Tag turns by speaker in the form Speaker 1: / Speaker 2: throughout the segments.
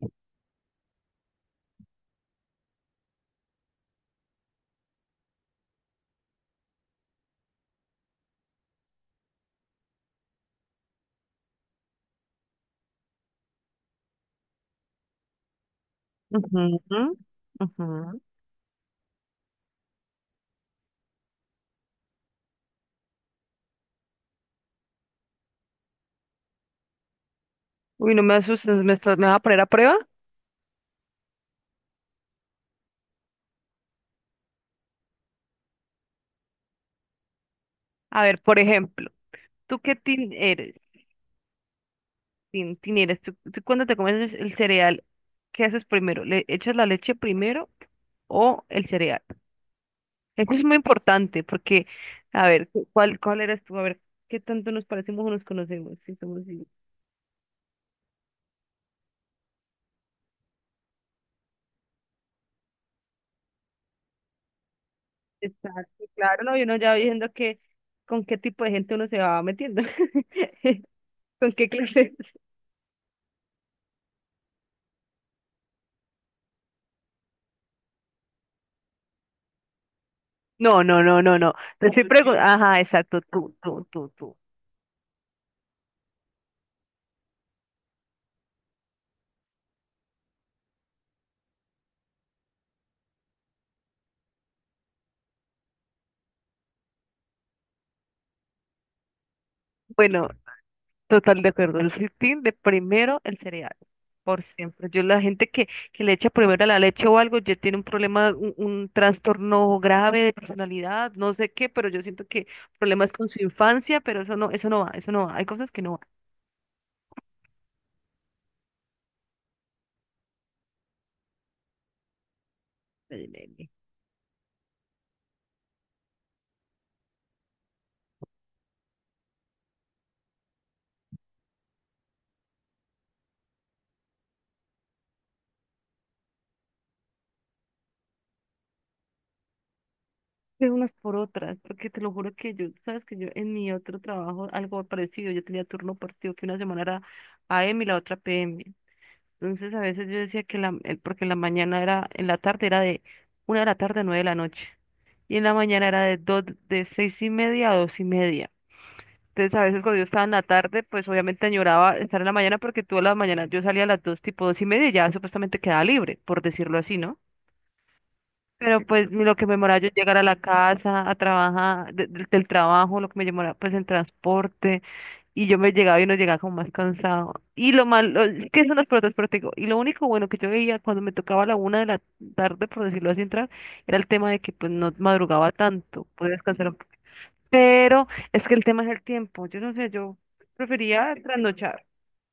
Speaker 1: Ujú, ujú. Uy, no me asustes, me vas a poner a prueba. A ver, por ejemplo, ¿tú qué tin eres? Tin, tin eres. ¿Tú cuando te comes el cereal, qué haces primero? ¿Le echas la leche primero o el cereal? Eso es muy importante porque, a ver, ¿Cuál eres tú? A ver, ¿qué tanto nos parecemos o nos conocemos? Si somos... Exacto, claro, no, y uno ya va viendo que con qué tipo de gente uno se va metiendo, con qué clase. No, no, no, no, no. Te estoy preguntando, ajá, exacto, tú, tú, tú, tú. Bueno, total de acuerdo. El sitín de primero el cereal, por siempre. Yo la gente que le echa primero la leche o algo, ya tiene un problema, un trastorno grave de personalidad, no sé qué, pero yo siento que problemas con su infancia, pero eso no va, eso no va. Hay cosas que no van. De unas por otras, porque te lo juro que yo, sabes que yo en mi otro trabajo, algo parecido, yo tenía turno partido, que una semana era a.m. y la otra p.m. Entonces a veces yo decía que porque en la mañana era, en la tarde era de 1 de la tarde a 9 de la noche, y en la mañana era de 6:30 a 2:30. Entonces a veces cuando yo estaba en la tarde, pues obviamente añoraba estar en la mañana porque tú a la mañana yo salía a las dos, tipo 2:30 y ya supuestamente quedaba libre, por decirlo así, ¿no? Pero pues lo que me demoraba yo en llegar a la casa, a trabajar, del trabajo, lo que me demoraba pues en transporte, y yo me llegaba y no llegaba como más cansado. Y lo malo, es que son las pelotas, pero te digo, y lo único bueno que yo veía cuando me tocaba a la 1 de la tarde, por decirlo así, entrar, era el tema de que pues no madrugaba tanto, podía descansar un poco. Pero es que el tema es el tiempo, yo no sé, yo prefería trasnochar,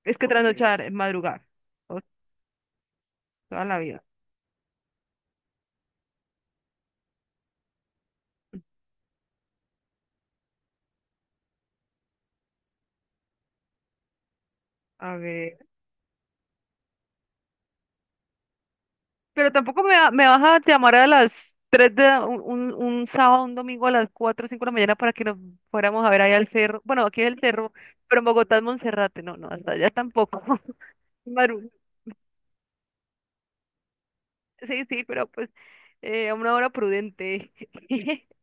Speaker 1: es que trasnochar es madrugar, o- toda la vida. A ver. Pero tampoco me vas a llamar a las 3 de la- un sábado, un domingo a las 4 o 5 de la mañana para que nos fuéramos a ver ahí al cerro. Bueno, aquí es el cerro, pero en Bogotá es Monserrate. No, no, hasta allá tampoco. Maru- Sí, sí, pero pues a una hora prudente.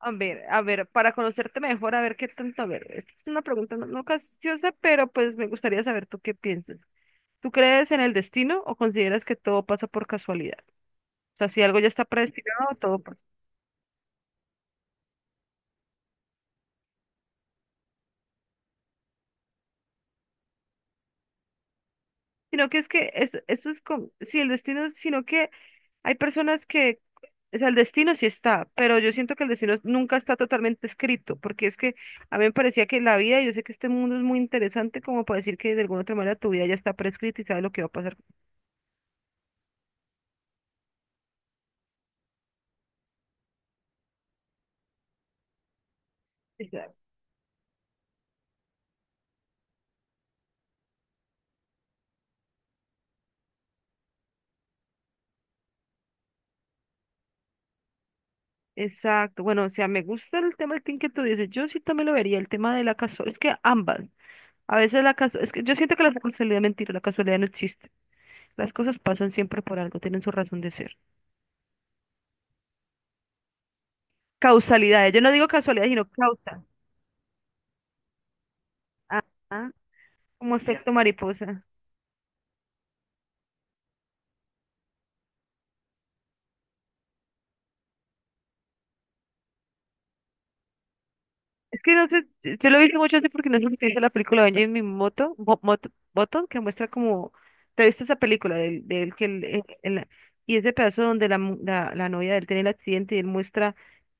Speaker 1: A ver, para conocerte mejor, a ver qué tanto. A ver, esta es una pregunta no capciosa, pero pues me gustaría saber tú qué piensas. ¿Tú crees en el destino o consideras que todo pasa por casualidad? O sea, si algo ya está predestinado, todo. Sino que es, esto es como, sí, el destino, sino que hay personas que, o sea, el destino sí está, pero yo siento que el destino nunca está totalmente escrito, porque es que a mí me parecía que la vida, y yo sé que este mundo es muy interesante como para decir que de alguna otra manera tu vida ya está prescrita y sabes lo que va a pasar. Exacto, exacto. Bueno, o sea, me gusta el tema del que tú dices, yo sí también lo vería, el tema de la casualidad, es que ambas, a veces la casualidad, es que yo siento que la casualidad es mentira, la casualidad no existe, las cosas pasan siempre por algo, tienen su razón de ser. Causalidades. Yo no digo casualidades, sino causa. Ah, ah, como efecto mariposa. Es que no sé, yo lo he visto mucho así porque no sé si te viste la película de Jimmy Moto, Button, que muestra como, te has visto esa película del que y ese pedazo donde la novia de él tiene el accidente y él muestra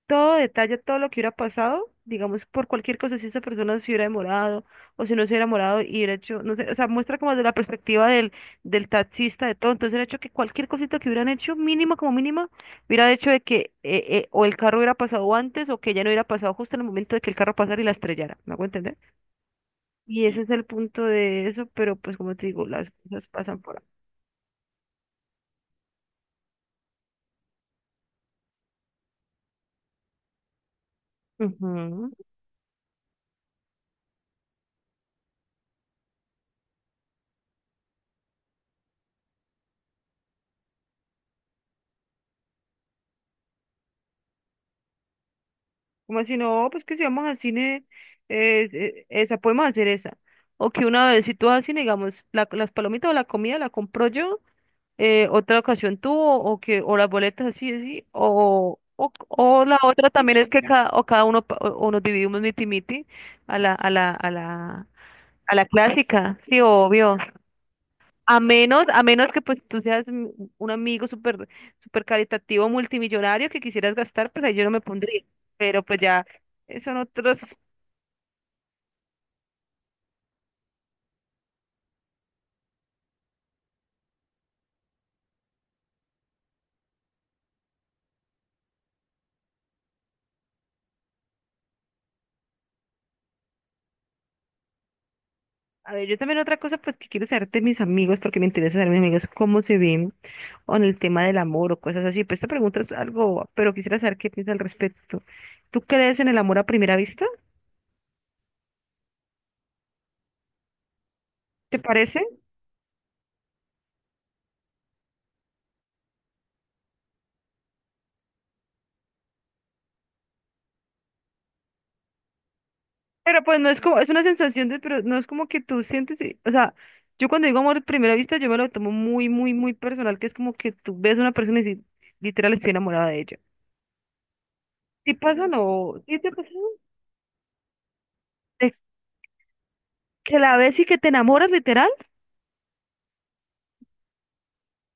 Speaker 1: todo detalle, todo lo que hubiera pasado, digamos, por cualquier cosa, si esa persona se hubiera demorado o si no se hubiera demorado y hubiera hecho, no sé, o sea, muestra como desde la perspectiva del taxista, de todo, entonces el hecho que cualquier cosita que hubieran hecho, mínima como mínima, hubiera hecho de que o el carro hubiera pasado antes o que ya no hubiera pasado justo en el momento de que el carro pasara y la estrellara, ¿me hago entender? Y ese es el punto de eso, pero pues como te digo, las cosas pasan por ahí. Como si no, pues que si vamos al cine, esa, podemos hacer esa. O que una vez, si tú vas al cine, digamos, las palomitas o la comida la compro yo, otra ocasión tú, o, que, o las boletas así, así, o la otra también es que cada, o cada uno, o nos dividimos miti miti a la, a la clásica, sí, obvio. A menos que pues tú seas un amigo súper súper caritativo multimillonario que quisieras gastar, pues ahí yo no me pondría. Pero pues ya son otros. A ver, yo también otra cosa pues que quiero saber de mis amigos, porque me interesa saber de mis amigos cómo se ven o en el tema del amor o cosas así. Pues esta pregunta es algo, pero quisiera saber qué piensas al respecto. ¿Tú crees en el amor a primera vista? ¿Te parece? Pero pues no es como, es una sensación de, pero no es como que tú sientes, o sea, yo cuando digo amor a primera vista, yo me lo tomo muy, muy, muy personal, que es como que tú ves a una persona y dices, literal estoy enamorada de ella. ¿Sí pasa o no? ¿Sí te pasa? ¿De que la ves y que te enamoras literal?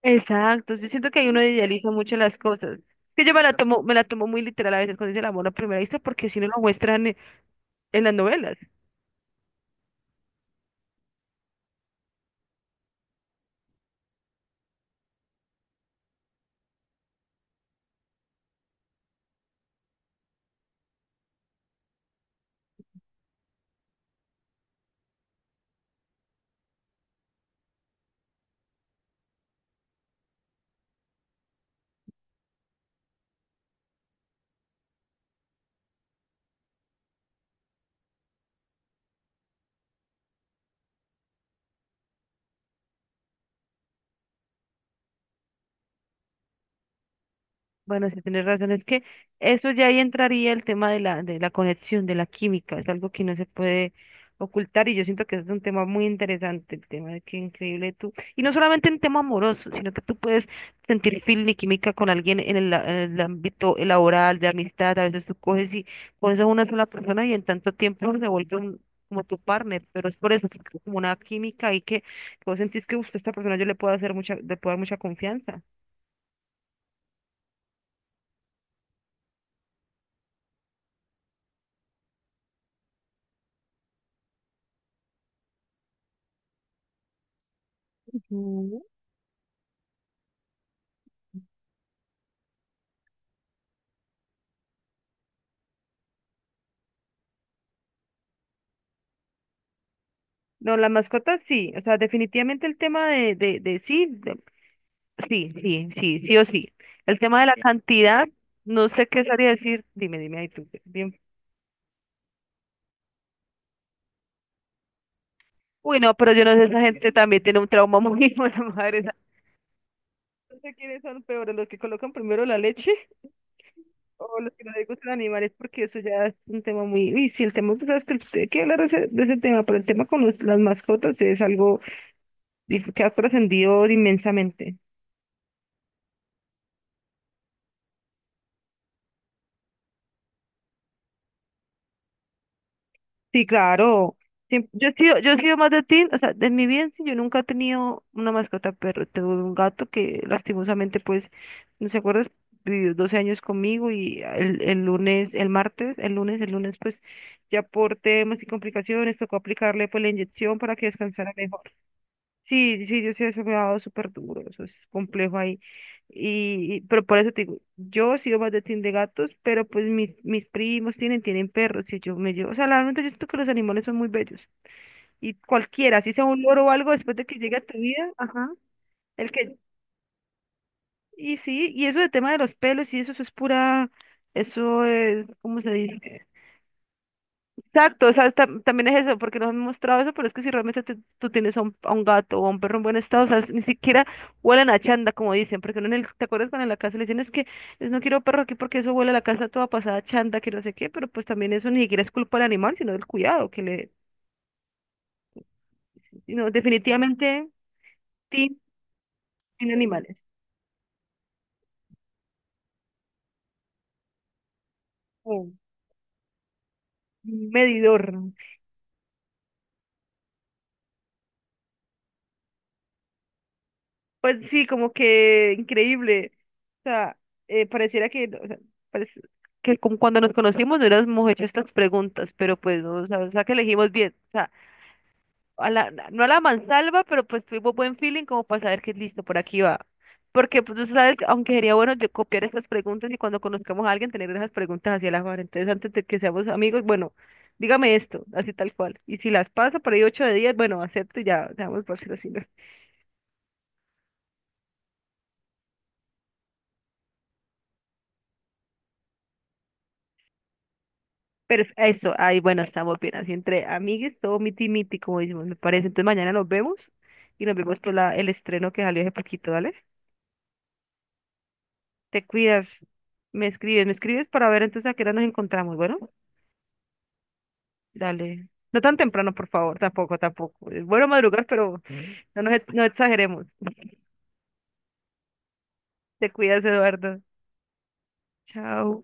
Speaker 1: Exacto, yo siento que ahí uno idealiza mucho las cosas. Que yo me la tomo muy literal a veces cuando dice el amor a primera vista, porque si no lo muestran en, las novelas. Bueno, sí, tienes razón. Es que eso ya ahí entraría el tema de la conexión, de la química. Es algo que no se puede ocultar y yo siento que es un tema muy interesante, el tema de que increíble tú. Y no solamente en tema amoroso, sino que tú puedes sentir feeling y química con alguien en el ámbito laboral, de amistad. A veces tú coges y conoces a una sola persona y en tanto tiempo se vuelve como tu partner, pero es por eso, que es como una química y que vos sentís que "Uf, esta persona yo le puedo hacer mucha, le puedo dar mucha confianza". Ujú. No, las mascotas sí, o sea, definitivamente el tema de, de sí, sí, sí, sí, sí o sí. El tema de la cantidad, no sé qué sabría decir, dime, dime ahí tú. Bien. Uy, no, pero yo no sé, esa gente también tiene un trauma muy hijo la madre. No sé quiénes son peores, los que colocan primero la leche o los que no les gustan animales, porque eso ya es un tema muy... Y sí, el tema, tú sabes que hay que hablar de ese tema, pero el tema con las mascotas es algo que ha trascendido inmensamente. Sí, claro. Yo he sido más de ti, o sea, de mi bien, sí, yo nunca he tenido una mascota perro, tuve un gato que lastimosamente, pues, no se acuerdas, vivió 12 años conmigo y el lunes, el martes, el lunes, pues, ya por temas y complicaciones tocó aplicarle, pues, la inyección para que descansara mejor. Sí, sí, yo sí eso me ha dado súper duro, eso es complejo ahí. Pero por eso te digo, yo sigo más de team de gatos, pero pues mis primos tienen perros y yo me llevo, o sea, realmente yo siento que los animales son muy bellos. Y cualquiera, si sea un loro o algo, después de que llegue a tu vida, ajá, el que, y sí, y eso de tema de los pelos y eso es pura, eso es, ¿cómo se dice? Exacto, o sea, también es eso, porque nos han mostrado eso, pero es que si realmente tú tienes a un gato o a un perro en buen estado, o sea, ni siquiera huelen a chanda, como dicen, porque uno en el, ¿te acuerdas cuando en la casa le dicen es que es, no quiero perro aquí porque eso huele a la casa toda pasada a chanda, que no sé qué, pero pues también eso ni siquiera es culpa del animal, sino del cuidado, que le, no, definitivamente sí, en animales, como un medidor. Pues sí, como que increíble. O sea, pareciera que, no, o sea, parece- que como cuando nos conocimos no hubiéramos hecho estas preguntas, pero pues, no, o sea, que elegimos bien. O sea, no a la mansalva, pero pues tuvimos buen feeling como para saber que listo, por aquí va. Porque, pues, tú sabes, aunque sería bueno yo copiar estas preguntas y cuando conozcamos a alguien tener esas preguntas hacia la mano. Entonces, antes de que seamos amigos, bueno, dígame esto, así tal cual. Y si las pasa por ahí 8 de 10, bueno, acepto y ya, seamos por ser así. ¿No? Pero eso, ahí bueno, estamos bien, así entre amigues, todo miti miti, como decimos, me parece. Entonces mañana nos vemos y nos vemos por la, el estreno que salió hace poquito, dale. Te cuidas, me escribes para ver entonces a qué hora nos encontramos, bueno, dale. No tan temprano, por favor, tampoco, tampoco. Es bueno madrugar, pero no exageremos. Te cuidas, Eduardo. Chao.